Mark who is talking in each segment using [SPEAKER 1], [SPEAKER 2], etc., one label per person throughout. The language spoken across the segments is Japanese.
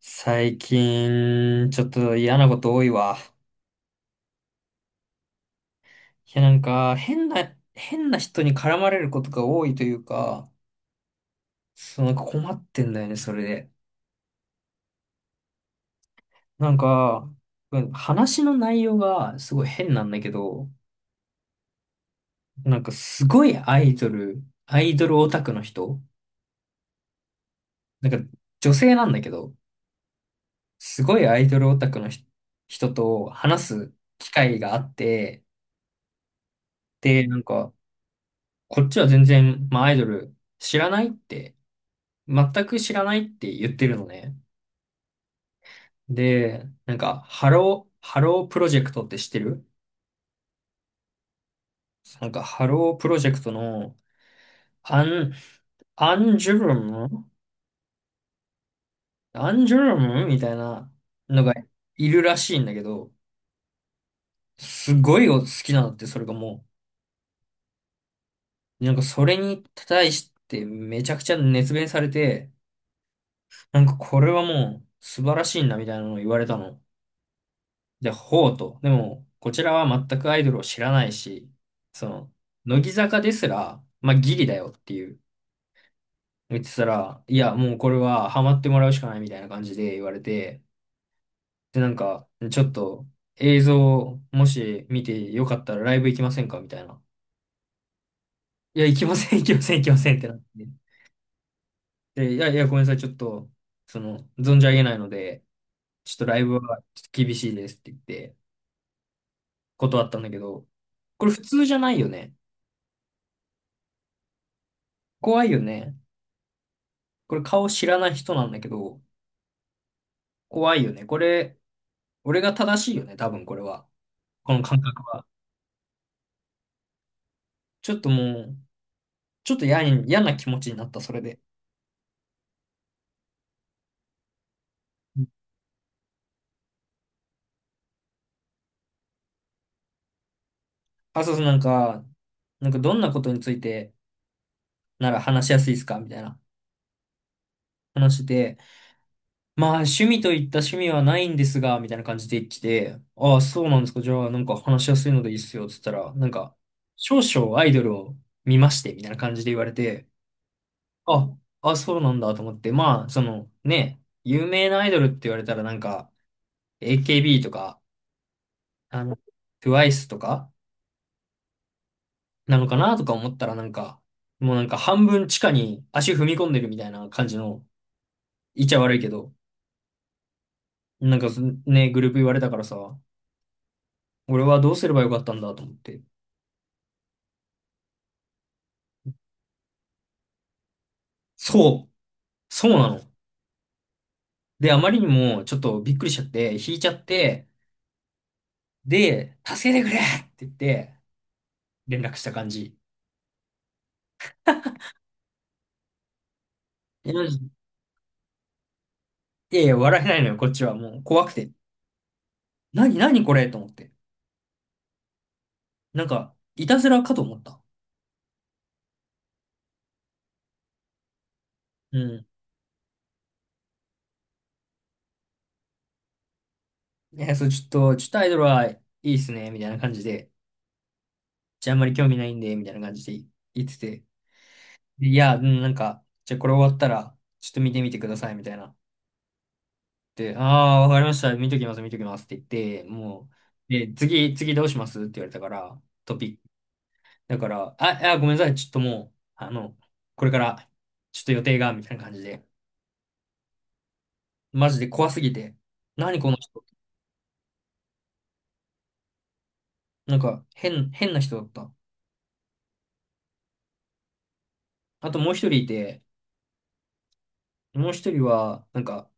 [SPEAKER 1] 最近、ちょっと嫌なこと多いわ。いや、なんか、変な人に絡まれることが多いというか、そう、なんか困ってんだよね、それで。なんか、うん話の内容がすごい変なんだけど、なんかすごいアイドルオタクの人、なんか女性なんだけど、すごいアイドルオタクの人と話す機会があって、で、なんか、こっちは全然、まあ、アイドル知らないって、全く知らないって言ってるのね。で、なんか、ハロープロジェクトって知ってる？なんか、ハロープロジェクトの、アン、アンジュルムアンジュルムみたいなのがいるらしいんだけど、すごい好きなのって、それがもう、なんかそれに対してめちゃくちゃ熱弁されて、なんかこれはもう素晴らしいんだみたいなのを言われたの。でほうと。でも、こちらは全くアイドルを知らないし、その、乃木坂ですら、まあ、ギリだよっていう、言ってたら、いや、もうこれはハマってもらうしかないみたいな感じで言われて、で、なんか、ちょっと映像、もし見てよかったらライブ行きませんかみたいな。いや、行きません、行きません、行きませんってなって。で、いやいや、ごめんなさい、ちょっと、その、存じ上げないので、ちょっとライブはちょっと厳しいですって言って、断ったんだけど、これ普通じゃないよね。怖いよね。これ顔知らない人なんだけど、怖いよね。これ、俺が正しいよね、多分これは。この感覚は。ちょっともう、ちょっと嫌な気持ちになった、それで。うん。あ、そうそう、なんか、なんかどんなことについてなら話しやすいですかみたいな話で、まあ趣味といった趣味はないんですが、みたいな感じで来て、ああ、そうなんですか。じゃあなんか話しやすいのでいいっすよ。つったら、なんか、少々アイドルを見まして、みたいな感じで言われて、あ、そうなんだと思って、まあ、そのね、有名なアイドルって言われたらなんか、AKB とか、あの、TWICE とか、なのかなとか思ったらなんか、もうなんか半分地下に足踏み込んでるみたいな感じの、言っちゃ悪いけど、なんかそね、グループ言われたからさ、俺はどうすればよかったんだと思って。そう、そうなの。で、あまりにもちょっとびっくりしちゃって、引いちゃって、で、助けてくれって言って、連絡した感じ。いやいや、笑えないのよ、こっちは。もう怖くて。何これと思って。なんか、いたずらかと思った。うん。いや、そう、ちょっとアイドルはいいっすね、みたいな感じで。じゃあ、あんまり興味ないんで、みたいな感じで言ってて。でいや、うん、なんか、じゃあこれ終わったら、ちょっと見てみてください、みたいな。で、ああ、わかりました。見ときます、見ときますって言って、もう、で、次どうしますって言われたから、トピック。だから、ごめんなさい。ちょっともう、あの、これから、ちょっと予定が、みたいな感じで。マジで怖すぎて。何この人。なんか、変な人だった。あともう一人いて、もう一人は、なんか、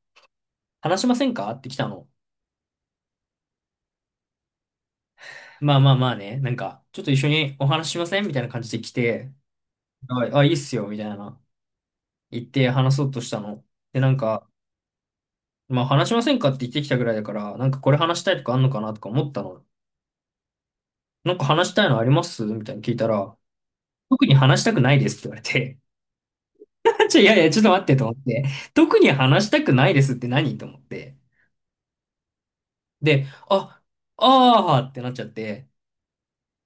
[SPEAKER 1] 話しませんかって来たの。まあまあまあね、なんか、ちょっと一緒にお話ししませんみたいな感じで来て、あ、あいいっすよ、みたいな。言って話そうとしたの。で、なんか、まあ話しませんかって言ってきたぐらいだから、なんかこれ話したいとかあんのかなとか思ったの。なんか話したいのありますみたいに聞いたら、特に話したくないですって言われて、ちょ、いやいや、ちょっと待ってと思って、特に話したくないですって何と思って。で、あ、あーってなっちゃって、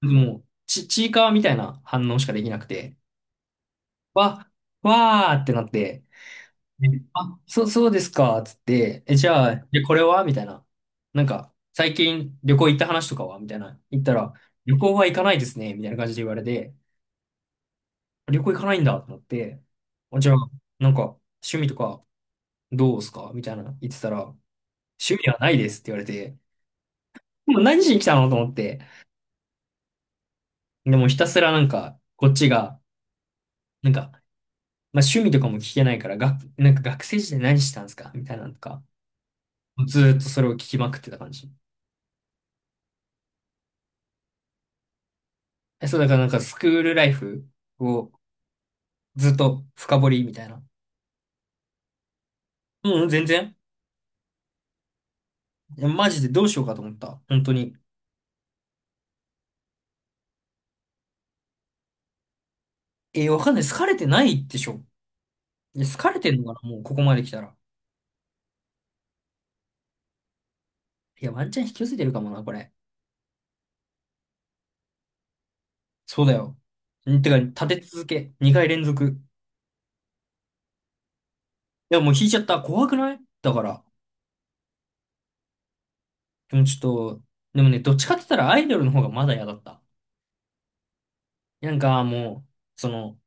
[SPEAKER 1] もう、ちいかわみたいな反応しかできなくて、わ、わーってなって、で、あ、そうですか、つって、え、じゃあ、で、これはみたいな。なんか、最近旅行行った話とかはみたいな。言ったら、旅行は行かないですね、みたいな感じで言われて、旅行行かないんだと思って、あじゃあ、なんか、趣味とかどうすかみたいな言ってたら、趣味はないですって言われて、もう何しに来たのと思って、でもひたすらなんか、こっちが、なんか、まあ、趣味とかも聞けないから、が、なんか学生時代何してたんですかみたいなのとか、ずーっとそれを聞きまくってた感じ。え、そう、だからなんかスクールライフをずっと深掘りみたいな。うん、全然。いやマジでどうしようかと思った。本当に。え、わかんない。好かれてないでしょ。いや、好かれてんのかなもうここまで来たら。いや、ワンチャン引き寄せてるかもな、これ。そうだよ。んてか、立て続け。2回連続。いや、もう引いちゃった。怖くないだから。でもちょっと、でもね、どっちかって言ったらアイドルの方がまだ嫌だった。なんかもう、その、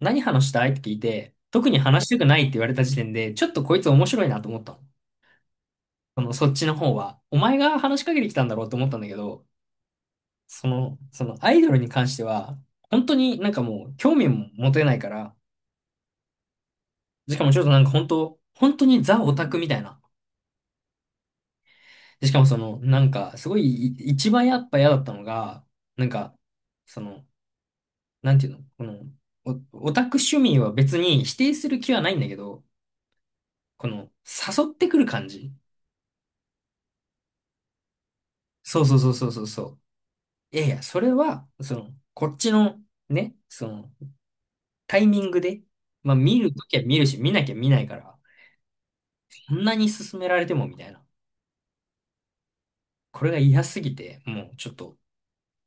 [SPEAKER 1] 何話したいって聞いて、特に話したくないって言われた時点で、ちょっとこいつ面白いなと思ったの。その、そっちの方は。お前が話しかけてきたんだろうと思ったんだけど、その、そのアイドルに関しては、本当になんかもう興味も持てないから、しかもちょっとなんか本当にザオタクみたいな。でしかもその、なんかすごいい一番やっぱ嫌だったのが、なんか、その、なんていうの、この、オタク趣味は別に否定する気はないんだけど、この、誘ってくる感じ。そうそうそうそうそうそう。いやいや、それは、その、こっちの、ね、その、タイミングで、まあ見るときは見るし、見なきゃ見ないから、そんなに勧められてもみたいな。これが嫌すぎて、もうちょっと、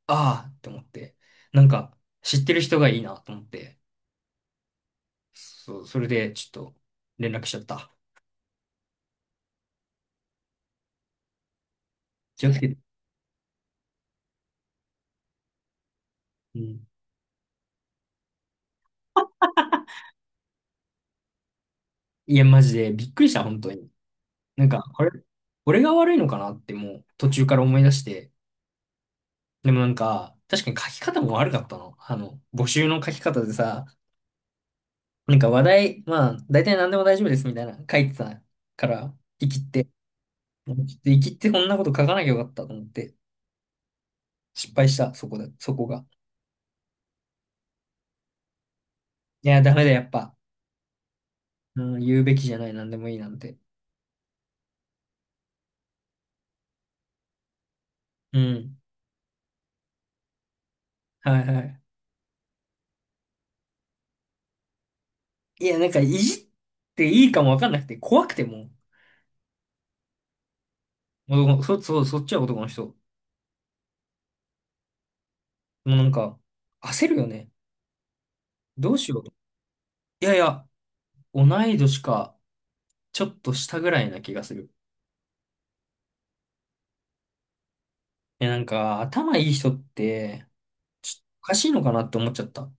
[SPEAKER 1] ああって思って、なんか、知ってる人がいいなと思って、そう、それでちょっと連絡しちゃった。気をつけて。うん。いや、マジでびっくりした、本当に。なんか、あれ、俺が悪いのかなってもう途中から思い出して、でもなんか、確かに書き方も悪かったの。あの、募集の書き方でさ、なんか話題、まあ、大体何でも大丈夫ですみたいな書いてたから、生きって、ちょっと生きってこんなこと書かなきゃよかったと思って、失敗した、そこで、そこが。いや、ダメだ、やっぱ。うん、言うべきじゃない、何でもいいなんて。うん。はいはい。いや、なんか、いじっていいかもわかんなくて、怖くてもう、そっちは男の人。もうなんか、焦るよね。どうしようと。いやいや、同い年か。ちょっと下ぐらいな気がする。え、なんか、頭いい人って、ちょっとおかしいのかなって思っちゃった。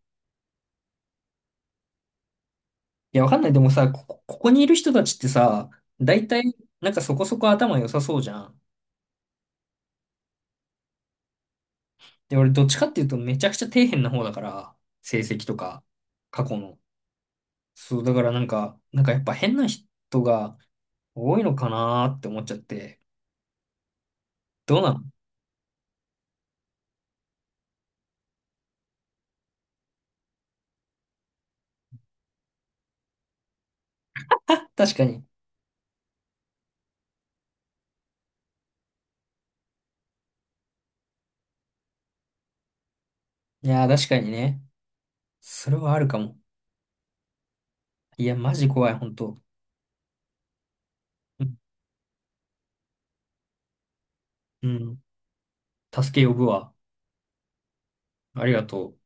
[SPEAKER 1] いや、わかんない。でもさ、ここにいる人たちってさ、大体、なんかそこそこ頭良さそうじゃん。で、俺どっちかっていうとめちゃくちゃ底辺な方だから、成績とか、過去の。そう、だからなんか、なんかやっぱ変な人が多いのかなーって思っちゃって。どうなの？確かに。いやー、確かにね。それはあるかも。いや、マジ怖い、ほんと。うん。うん、助け呼ぶわ。ありがとう。